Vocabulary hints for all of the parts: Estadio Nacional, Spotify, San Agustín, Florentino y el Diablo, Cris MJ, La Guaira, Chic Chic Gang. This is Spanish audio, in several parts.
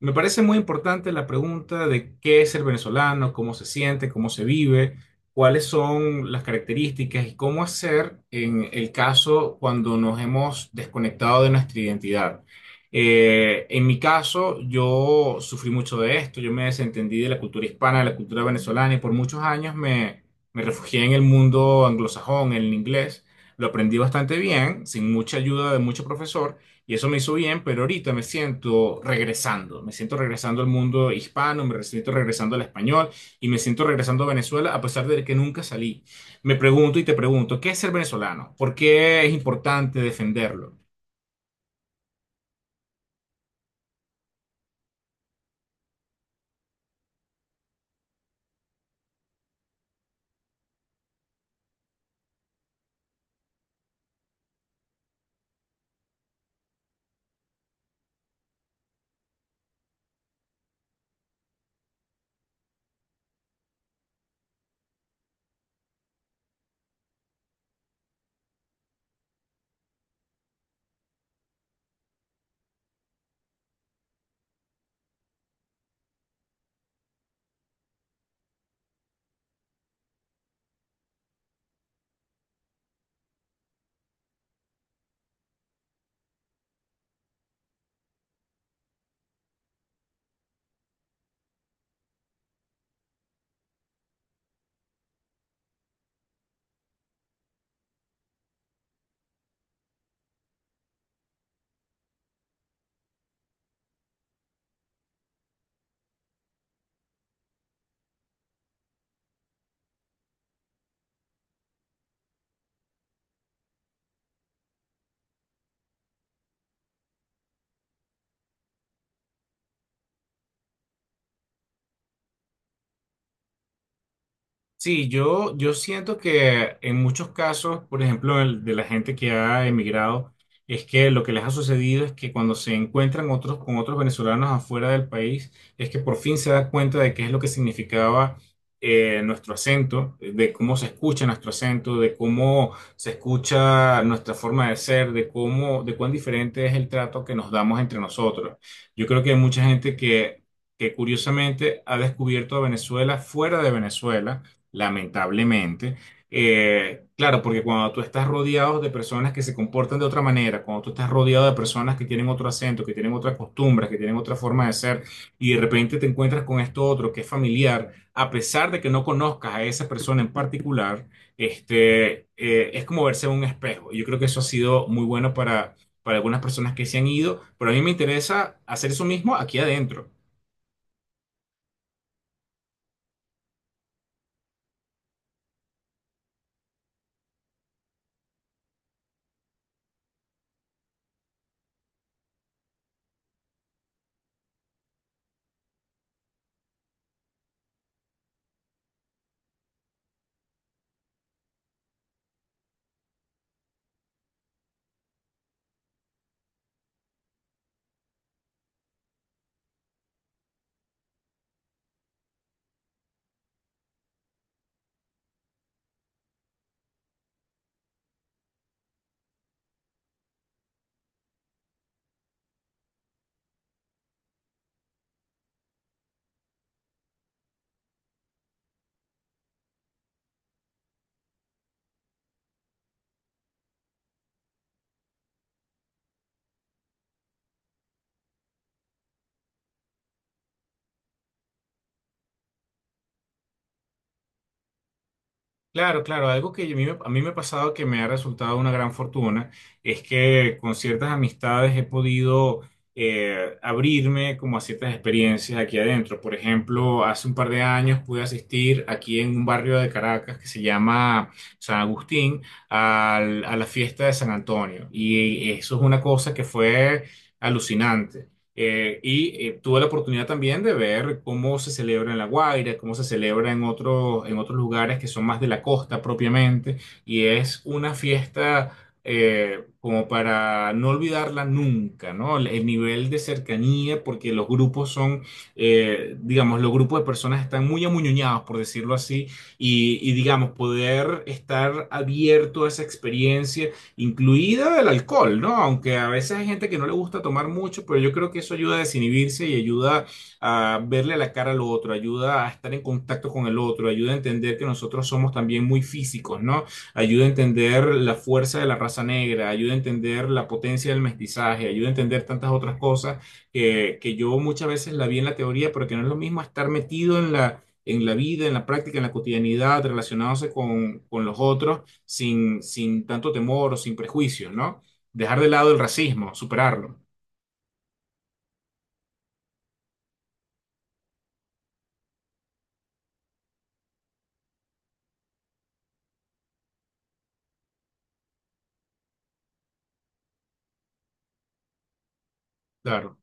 Me parece muy importante la pregunta de qué es ser venezolano, cómo se siente, cómo se vive, cuáles son las características y cómo hacer en el caso cuando nos hemos desconectado de nuestra identidad. En mi caso, yo sufrí mucho de esto, yo me desentendí de la cultura hispana, de la cultura venezolana y por muchos años me refugié en el mundo anglosajón, en el inglés. Lo aprendí bastante bien, sin mucha ayuda de mucho profesor. Y eso me hizo bien, pero ahorita me siento regresando al mundo hispano, me siento regresando al español y me siento regresando a Venezuela a pesar de que nunca salí. Me pregunto y te pregunto, ¿qué es ser venezolano? ¿Por qué es importante defenderlo? Sí, yo siento que en muchos casos, por ejemplo, el de la gente que ha emigrado, es que lo que les ha sucedido es que cuando se encuentran otros con otros venezolanos afuera del país, es que por fin se da cuenta de qué es lo que significaba nuestro acento, de cómo se escucha nuestro acento, de cómo se escucha nuestra forma de ser, de cómo, de cuán diferente es el trato que nos damos entre nosotros. Yo creo que hay mucha gente que curiosamente ha descubierto a Venezuela fuera de Venezuela, lamentablemente. Claro, porque cuando tú estás rodeado de personas que se comportan de otra manera, cuando tú estás rodeado de personas que tienen otro acento, que tienen otras costumbres, que tienen otra forma de ser, y de repente te encuentras con esto otro que es familiar, a pesar de que no conozcas a esa persona en particular, es como verse en un espejo. Y yo creo que eso ha sido muy bueno para algunas personas que se han ido, pero a mí me interesa hacer eso mismo aquí adentro. Claro, claro, algo que a mí me ha pasado que me ha resultado una gran fortuna es que con ciertas amistades he podido, abrirme como a ciertas experiencias aquí adentro. Por ejemplo, hace un par de años pude asistir aquí en un barrio de Caracas que se llama San Agustín a la fiesta de San Antonio, y eso es una cosa que fue alucinante. Tuve la oportunidad también de ver cómo se celebra en La Guaira, cómo se celebra en otros lugares que son más de la costa propiamente, y es una fiesta, como para no olvidarla nunca, ¿no? El nivel de cercanía, porque los grupos son, digamos, los grupos de personas están muy amuñoñados, por decirlo así, y digamos, poder estar abierto a esa experiencia, incluida el alcohol, ¿no? Aunque a veces hay gente que no le gusta tomar mucho, pero yo creo que eso ayuda a desinhibirse y ayuda a verle la cara al otro, ayuda a estar en contacto con el otro, ayuda a entender que nosotros somos también muy físicos, ¿no? Ayuda a entender la fuerza de la raza negra, ayuda a entender la potencia del mestizaje, ayuda a entender tantas otras cosas que yo muchas veces la vi en la teoría, pero que no es lo mismo estar metido en la en la vida, en la práctica, en la cotidianidad, relacionándose con los otros, sin, sin tanto temor o sin prejuicios, ¿no? Dejar de lado el racismo, superarlo. Claro.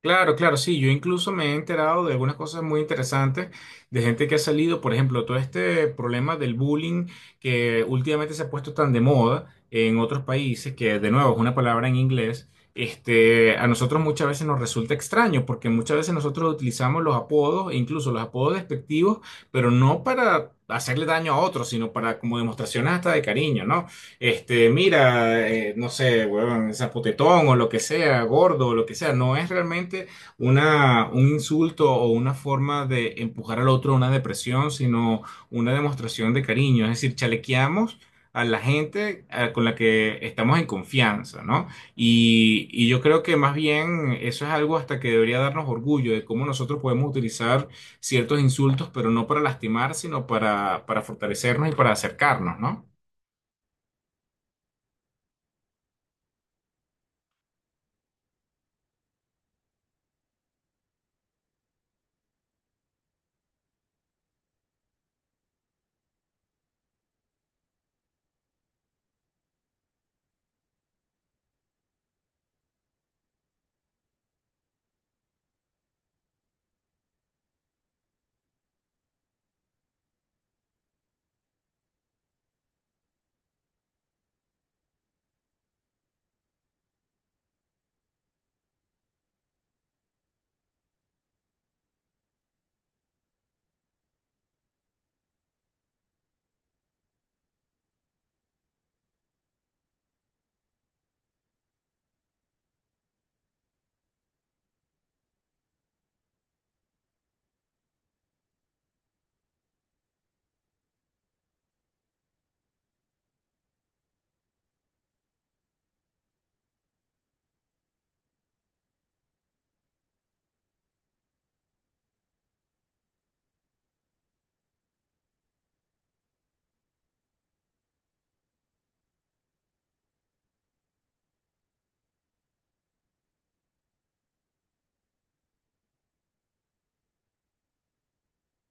Claro, claro, sí. Yo incluso me he enterado de algunas cosas muy interesantes de gente que ha salido, por ejemplo, todo este problema del bullying, que últimamente se ha puesto tan de moda en otros países, que de nuevo es una palabra en inglés. A nosotros muchas veces nos resulta extraño porque muchas veces nosotros utilizamos los apodos, e incluso los apodos despectivos, pero no para hacerle daño a otros, sino para como demostraciones hasta de cariño, ¿no? Mira, no sé, weón, zapotetón o lo que sea, gordo o lo que sea, no es realmente una, un insulto o una forma de empujar al otro a una depresión, sino una demostración de cariño. Es decir, chalequeamos a la gente, con la que estamos en confianza, ¿no? Y yo creo que más bien eso es algo hasta que debería darnos orgullo de cómo nosotros podemos utilizar ciertos insultos, pero no para lastimar, sino para fortalecernos y para acercarnos, ¿no?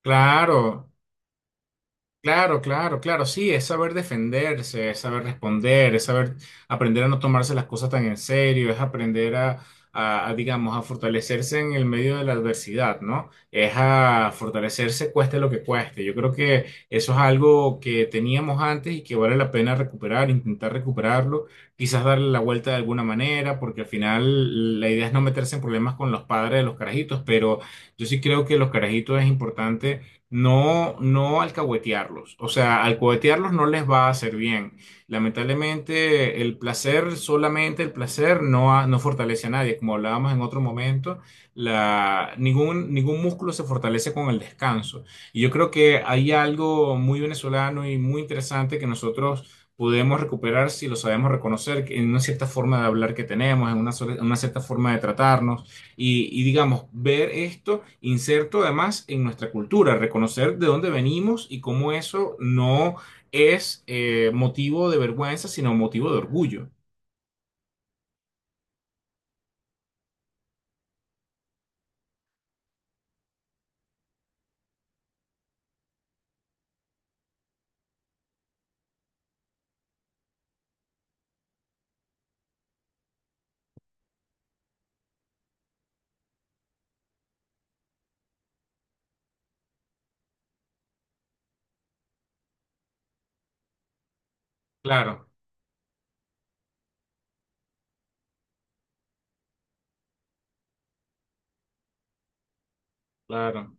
Claro. Claro, claro, claro, sí, es saber defenderse, es saber responder, es saber aprender a no tomarse las cosas tan en serio, es aprender a, digamos, a fortalecerse en el medio de la adversidad, ¿no? Es a fortalecerse cueste lo que cueste. Yo creo que eso es algo que teníamos antes y que vale la pena recuperar, intentar recuperarlo, quizás darle la vuelta de alguna manera, porque al final la idea es no meterse en problemas con los padres de los carajitos, pero yo sí creo que los carajitos es importante no, no alcahuetearlos. O sea, alcahuetearlos no les va a hacer bien. Lamentablemente, el placer, solamente el placer, no, no fortalece a nadie. Como hablábamos en otro momento, la, ningún músculo se fortalece con el descanso. Y yo creo que hay algo muy venezolano y muy interesante que nosotros podemos recuperar si lo sabemos reconocer, que en una cierta forma de hablar que tenemos, en una, en una cierta forma de tratarnos. Y, digamos, ver esto inserto además en nuestra cultura, reconocer de dónde venimos y cómo eso no es, motivo de vergüenza, sino motivo de orgullo. Claro, claro.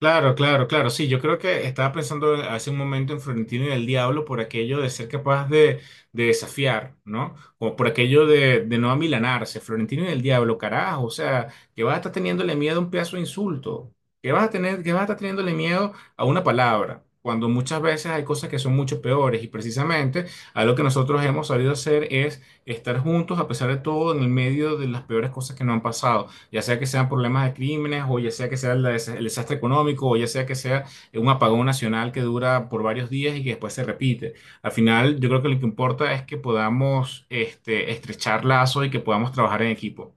Claro, claro, claro. Sí, yo creo que estaba pensando hace un momento en Florentino y el Diablo por aquello de ser capaz de desafiar, ¿no? O por aquello de no amilanarse. Florentino y el Diablo, carajo. O sea, que vas a estar teniéndole miedo a un pedazo de insulto. Que vas a tener, que vas a estar teniéndole miedo a una palabra. Cuando muchas veces hay cosas que son mucho peores. Y precisamente a lo que nosotros hemos sabido hacer es estar juntos a pesar de todo en el medio de las peores cosas que nos han pasado, ya sea que sean problemas de crímenes o ya sea que sea el, el desastre económico o ya sea que sea un apagón nacional que dura por varios días y que después se repite. Al final, yo creo que lo que importa es que podamos, estrechar lazos y que podamos trabajar en equipo.